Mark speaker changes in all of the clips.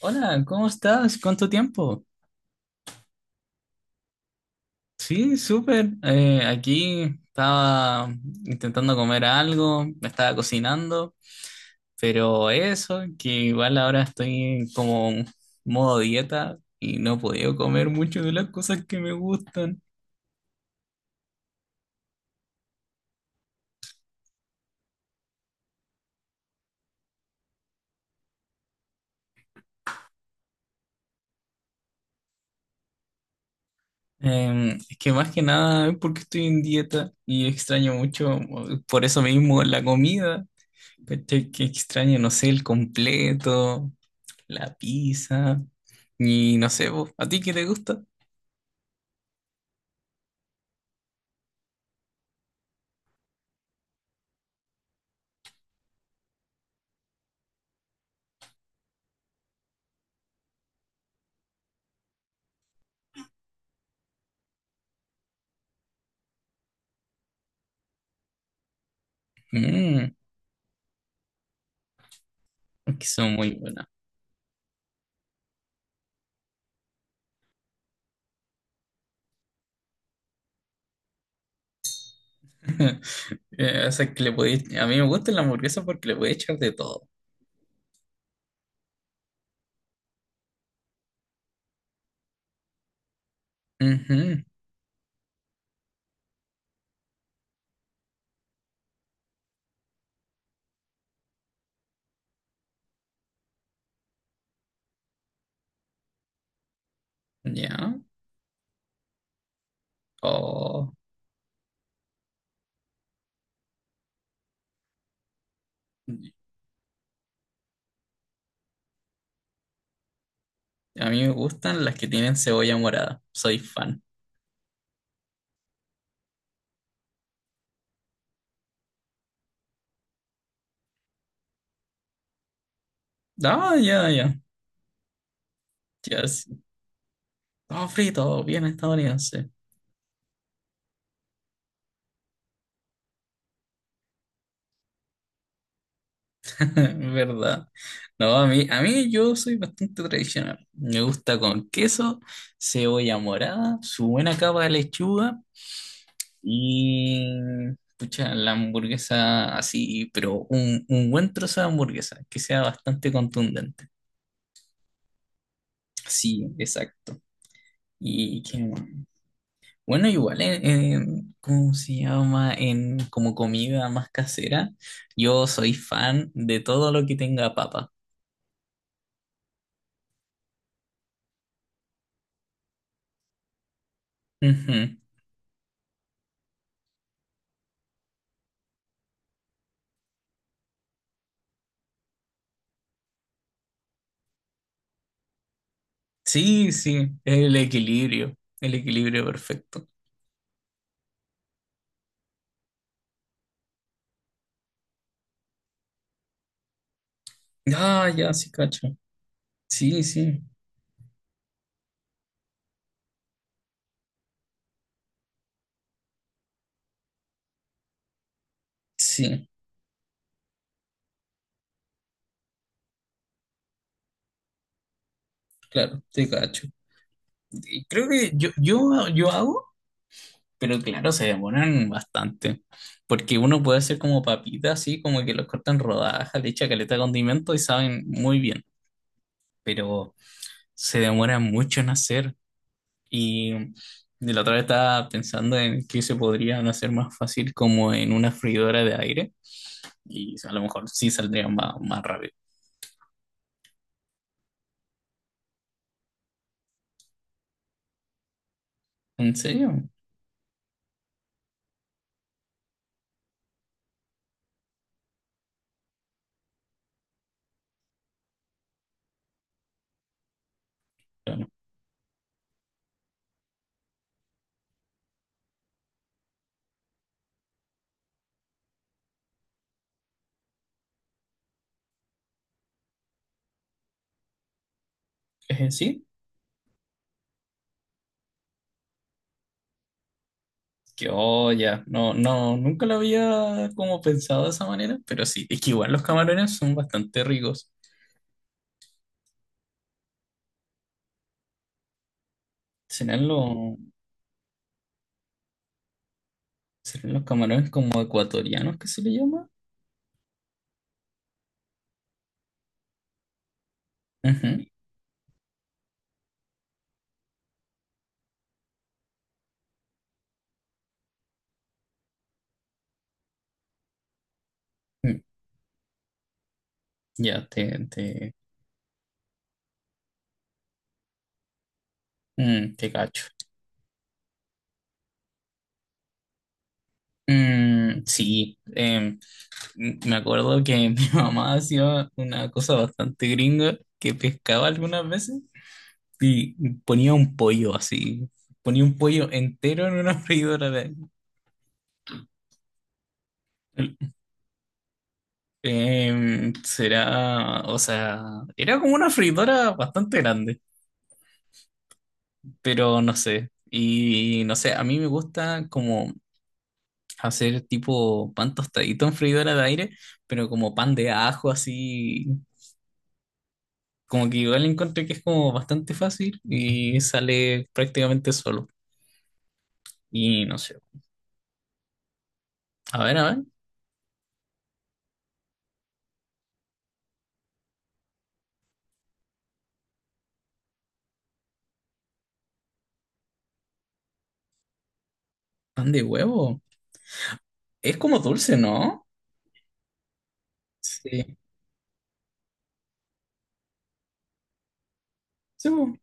Speaker 1: Hola, ¿cómo estás? ¿Cuánto tiempo? Sí, súper. Aquí estaba intentando comer algo, me estaba cocinando, pero eso, que igual ahora estoy en como en modo dieta y no he podido comer mucho de las cosas que me gustan. Es que más que nada es porque estoy en dieta y extraño mucho, por eso mismo, la comida. ¿Cachai? Que extraño, no sé, el completo, la pizza. Y no sé, vos, ¿a ti qué te gusta? Mm, es que son muy buenas. O sea, que a mí me gusta la hamburguesa porque le puede echar de todo. Ujú, ya. O a mí me gustan las que tienen cebolla morada. Soy fan. Ah, ya, ya. Ya, sí. Todo frito, bien estadounidense. ¿Verdad? No, a mí yo soy bastante tradicional. Me gusta con queso, cebolla morada, su buena capa de lechuga y, pucha, la hamburguesa así, pero un buen trozo de hamburguesa, que sea bastante contundente. Sí, exacto. Y qué más. Bueno, igual ¿cómo se llama? En como comida más casera, yo soy fan de todo lo que tenga papa. Ujú. Sí, sí, el equilibrio perfecto. Ah, ya, sí, cacho. Sí, sí, sí, claro, te cacho. Y creo que yo hago, pero claro, se demoran bastante. Porque uno puede hacer como papitas, así como que los cortan rodajas, le echa caleta de condimento y saben muy bien. Pero se demoran mucho en hacer. Y de la otra vez estaba pensando en que se podrían hacer más fácil como en una freidora de aire. Y a lo mejor sí saldrían más rápido. ¿En serio? Claro. Sí. Que, oh, ya, no, no, nunca lo había como pensado de esa manera, pero sí, es que igual los camarones son bastante ricos. ¿Serán los, ¿serán los camarones como ecuatorianos que se le llama? Ujú. Mm, ya, mm, te cacho. Mm, sí, mm, me acuerdo que mi mamá hacía una cosa bastante gringa que pescaba algunas veces y ponía un pollo así, ponía un pollo entero en una será, o sea, era como una freidora bastante grande, pero no sé. Y no sé, a mí me gusta como hacer tipo pan tostadito en freidora de aire, pero como pan de ajo así, como que igual encontré que es como bastante fácil y sale prácticamente solo. Y no sé, a ver, pan de huevo. Es como dulce, ¿no? Sí, sí, po,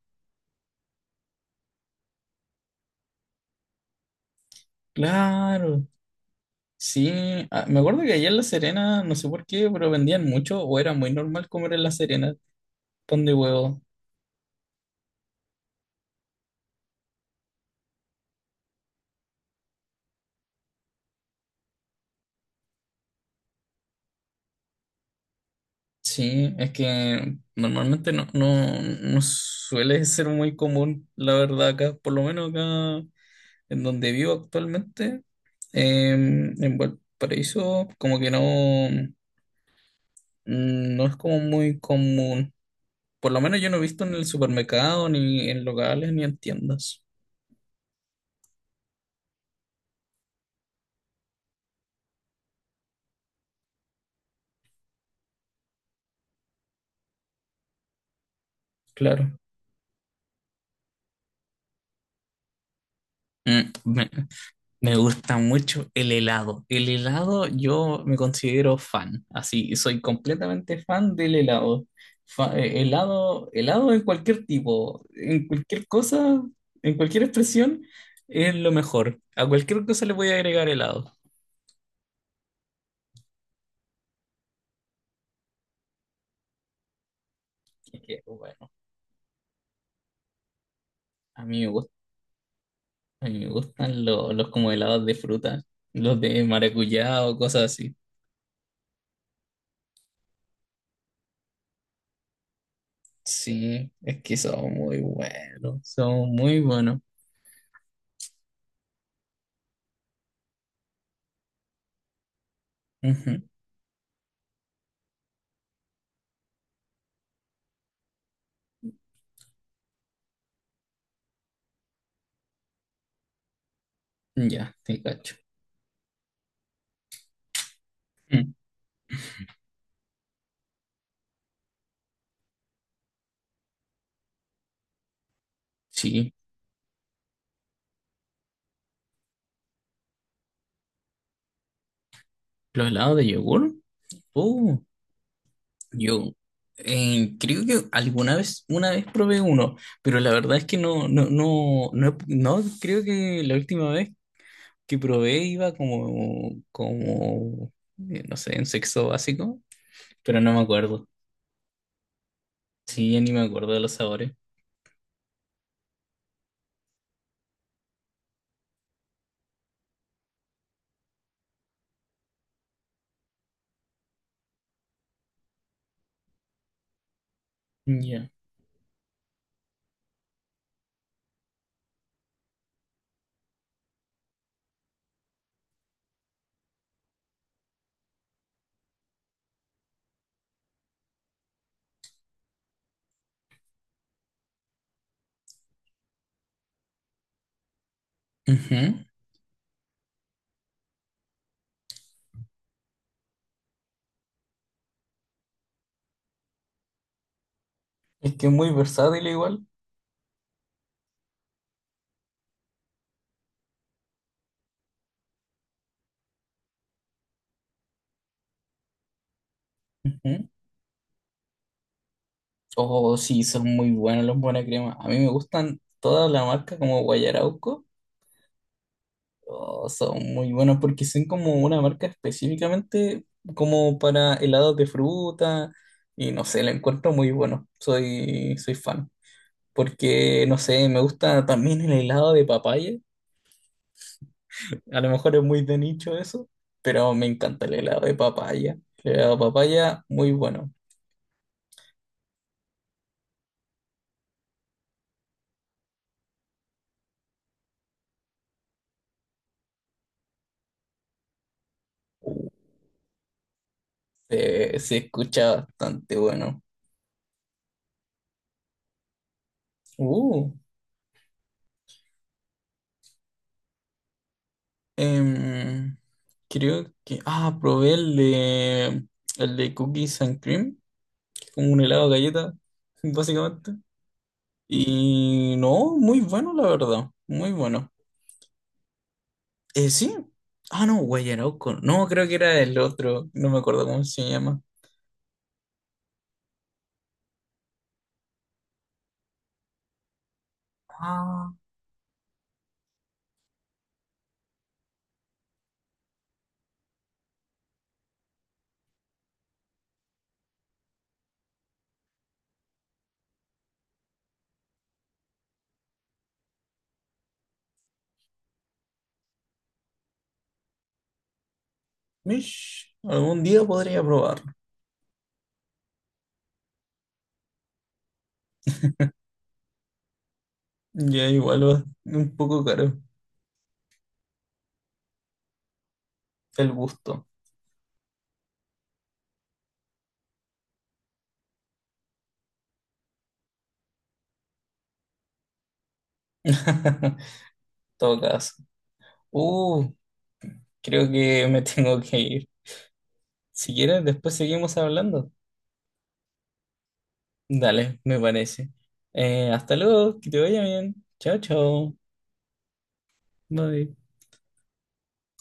Speaker 1: claro. Sí, ah, me acuerdo que allá en La Serena, no sé por qué, pero vendían mucho o era muy normal comer en La Serena pan de huevo. Sí, es que normalmente no suele ser muy común, la verdad, por lo menos acá en donde vivo actualmente, en Valparaíso, como que no, no es como muy común. Por lo menos yo no he visto en el supermercado, ni en locales, ni en tiendas. Claro. Mm, me- Me gusta mucho el helado. El helado yo me considero fan, así, soy completamente fan del helado. Helado, helado en cualquier tipo, en cualquier cosa, en cualquier expresión, es lo mejor. A cualquier cosa le voy a agregar helado. Y que, bueno, a mí me gusta, a mí me gustan los como helados de fruta, los de maracuyá o cosas así. Sí, es que son muy buenos, son muy buenos. Ujú, ya, te cacho. Mm. Sí, los helados de yogur. Oh, yo creo que alguna vez, una vez probé uno, pero la verdad es que no, no, creo que la última vez que probé iba como, como, no sé, en sexto básico, pero no me acuerdo. Sí, ya ni me acuerdo de los sabores. Ya. Ujú. Es que es muy versátil igual. Ujú. Oh, sí, son muy buenos los buena crema. A mí me gustan toda la marca como Guayarauco. Oh, son muy buenos porque son como una marca específicamente como para helados de fruta y no sé, la encuentro muy bueno. Soy, soy fan. Porque, no sé, me gusta también el helado de papaya. A lo mejor es muy de nicho eso, pero me encanta el helado de papaya. El helado de papaya, muy bueno. Se escucha bastante bueno. Uh, em, creo que... Ah, probé el de cookies and cream, como un helado de galleta, básicamente. Y no, muy bueno, la verdad, muy bueno. Sí. Ah, no, Guayarauco. No, creo que era el otro, no me acuerdo cómo se llama. Ah, mish, algún día podría probarlo. Ya igual va un poco caro el gusto. En todo caso. Uh, creo que me tengo que ir. Si quieres, después seguimos hablando. Dale, me parece. Hasta luego, que te vaya bien. Chao, chao. Bye.